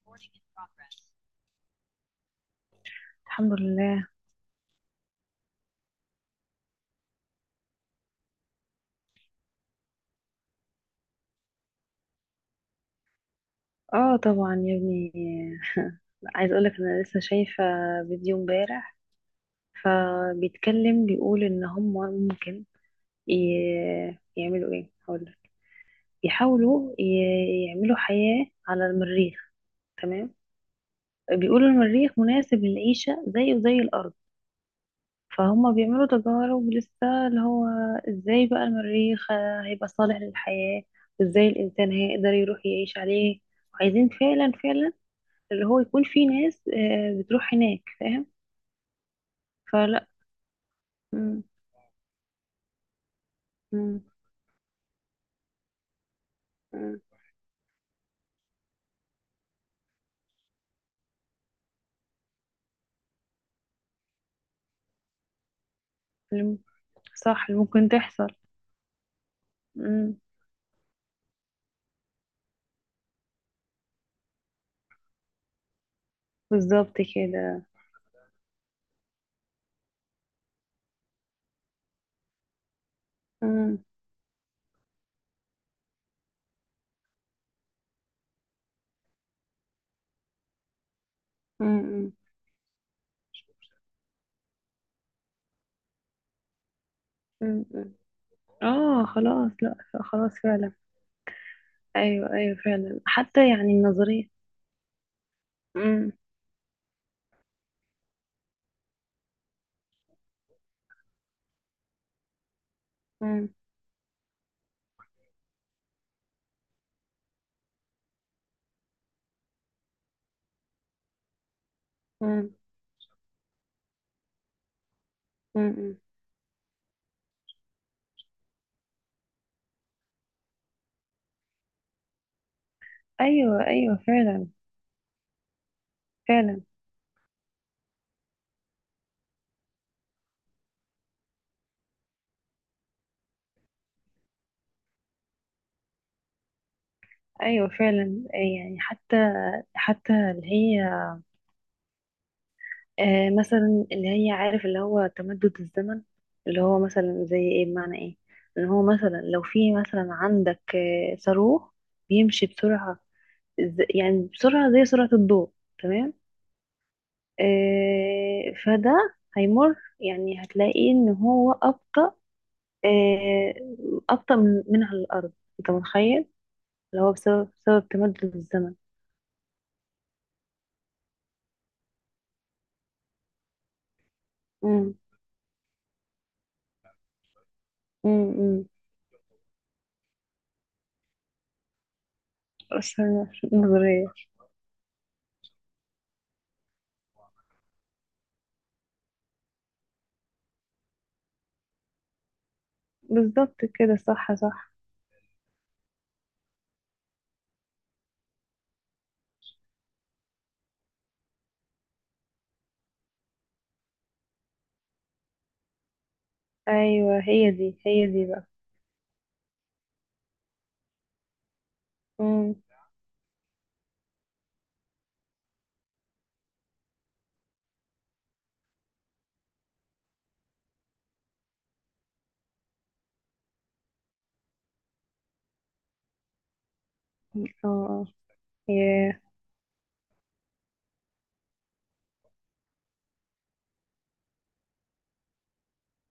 Recording in progress. الحمد لله. اه، طبعا يا ابني. عايز اقولك انا لسه شايفة فيديو امبارح، فبيتكلم. بيقول ان هم ممكن يعملوا ايه هقولك. يحاولوا يعملوا حياة على المريخ. تمام. بيقولوا المريخ مناسب للعيشة زيه زي الارض، فهم بيعملوا تجارب لسه اللي هو ازاي بقى المريخ هيبقى صالح للحياة، وازاي الانسان هيقدر يروح يعيش عليه. وعايزين فعلا فعلا اللي هو يكون في ناس بتروح هناك، فاهم. فلا. مم، مم، مم. الم- صح، اللي ممكن تحصل. مم. بالظبط كده. مم، مم، مم. مم. مم. اه خلاص، لا. خلاص فعلا. ايوه ايوه فعلا، حتى يعني النظريه. مم، مم، مم. مم. مم. ايوه ايوه فعلا. فعلا ايوه فعلا، يعني حتى اللي هي. مثلا اللي هي عارف اللي هو تمدد الزمن. اللي هو مثلا زي ايه، بمعنى ايه. ان هو مثلا لو في مثلا عندك صاروخ بيمشي بسرعة، يعني بسرعة زي سرعة الضوء. تمام. فده هيمر، يعني هتلاقي ان هو أبطأ. آه أبطأ من على الأرض. انت متخيل. اللي هو بسبب تمدد الزمن. امم. امم. أمم. أصلا نظرية. بالظبط كده، صح صح. ايوه، هي دي بقى. امم. اه. اه. ياه.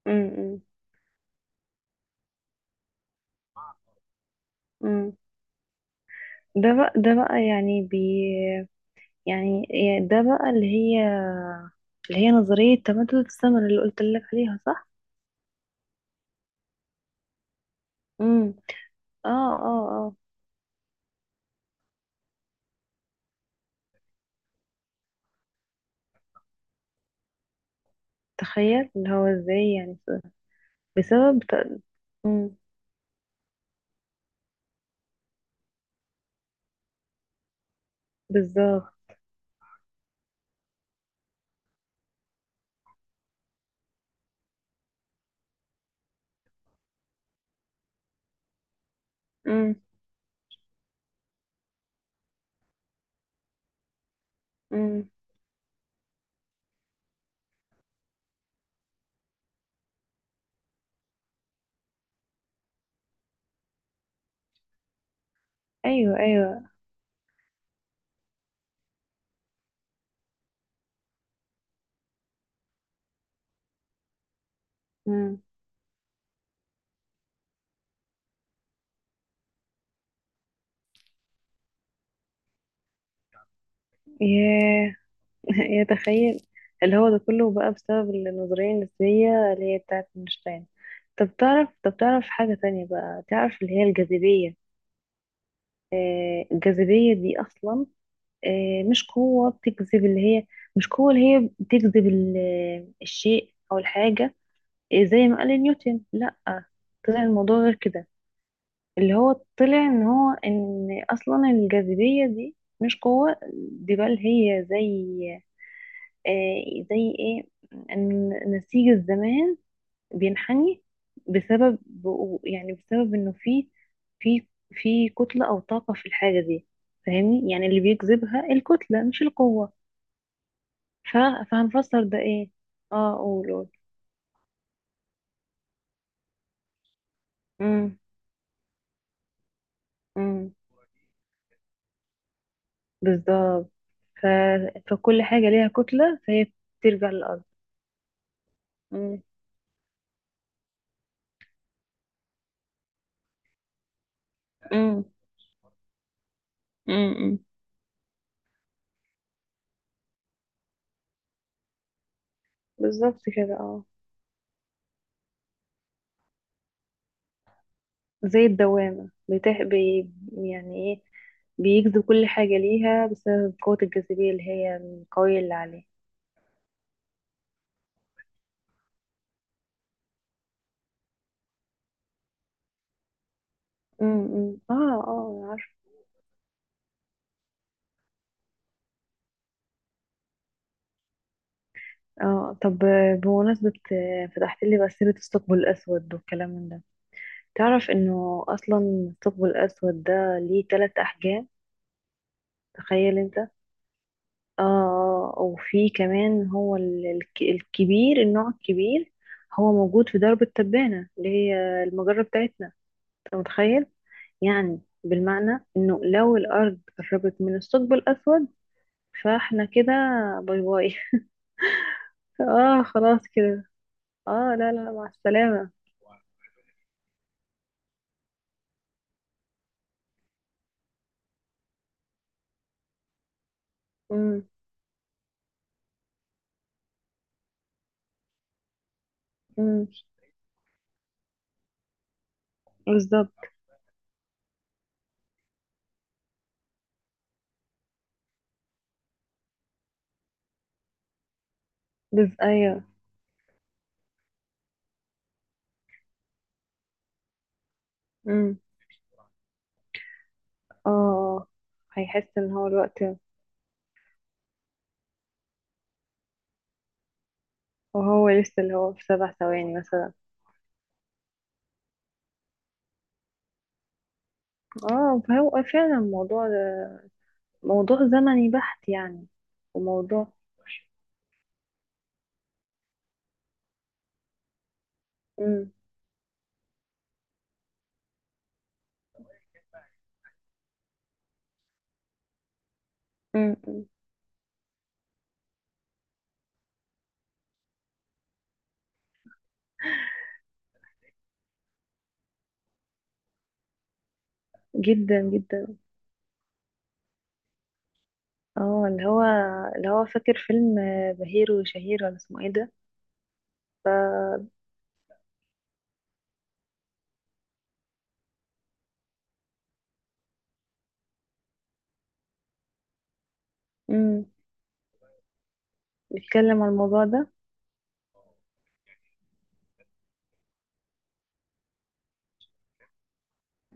امم. امم. أمم. ده بقى يعني يعني ده بقى اللي هي. اللي هي نظرية تمدد الزمن اللي قلت لك عليها، صح؟ امم. اه. اه. اه. تخيل اللي هو ازاي يعني، بسبب امم، بالظبط. امم. امم. ايوه ايوه. امم. ياه. يتخيل اللي هو ده كله بقى بسبب النظرية النسبية اللي هي بتاعة اينشتاين. طب تعرف حاجة تانية بقى؟ تعرف اللي هي الجاذبية؟ الجاذبية دي أصلا مش قوة بتجذب اللي هي. مش قوة اللي هي بتجذب الشيء أو الحاجة، زي ما قال نيوتن. لأ، طلع الموضوع غير كده، اللي هو طلع إن هو إن أصلا الجاذبية دي مش قوة. دي بل هي زي، زي ايه، ان نسيج الزمان بينحني بسبب، يعني بسبب انه في في في كتلة او طاقة في الحاجة دي. فاهمني، يعني اللي بيجذبها الكتلة مش القوة. ف... فهنفسر ده ايه؟ اه، قول قول. امم. امم. بالظبط. ف... فكل حاجة ليها كتلة فهي بترجع للأرض. امم. امم. امم. بالظبط كده، اه. زي الدوامة يعني ايه، بيجذب كل حاجة ليها بسبب قوة الجاذبية اللي هي القوية اللي عليه. امم. اه. اه. عارف. اه طب، بمناسبة فتحت لي بقى سيرة الثقب الأسود والكلام من ده، تعرف انه أصلا الثقب الأسود ده ليه تلات أحجام؟ تخيل انت. اه، وفي كمان هو الكبير، النوع الكبير، هو موجود في درب التبانة اللي هي المجرة بتاعتنا. انت متخيل، يعني بالمعنى انه لو الارض قربت من الثقب الاسود فاحنا كده باي باي. اه خلاص كده. اه، لا لا، مع السلامة. امم. امم. بالظبط. بس ايوه. امم. اه. آه. هيحس ان هو الوقت. وهو لسه اللي هو في 7 ثواني مثلا. اه، فهو فعلا موضوع زمني بحت يعني. وموضوع. امم. امم. أمم. جدا جدا. اه، اللي هو فاكر فيلم بهير وشهير، ولا اسمه ايه ده؟ امم. بيتكلم عن الموضوع ده.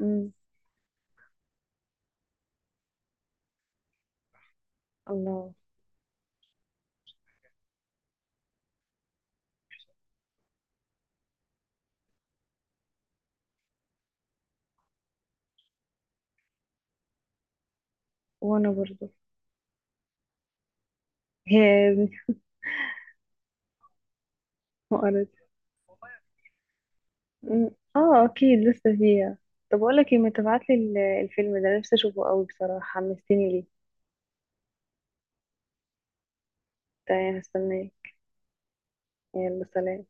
امم. الله. وانا برضو. هي يا ابني. وقرت. أمم. اه، اكيد لسه فيها. طب اقول لك ايه، ما تبعت لي الفيلم ده، نفسي اشوفه قوي، بصراحه حمستني ليه. تمام، هستناك. يلا سلام.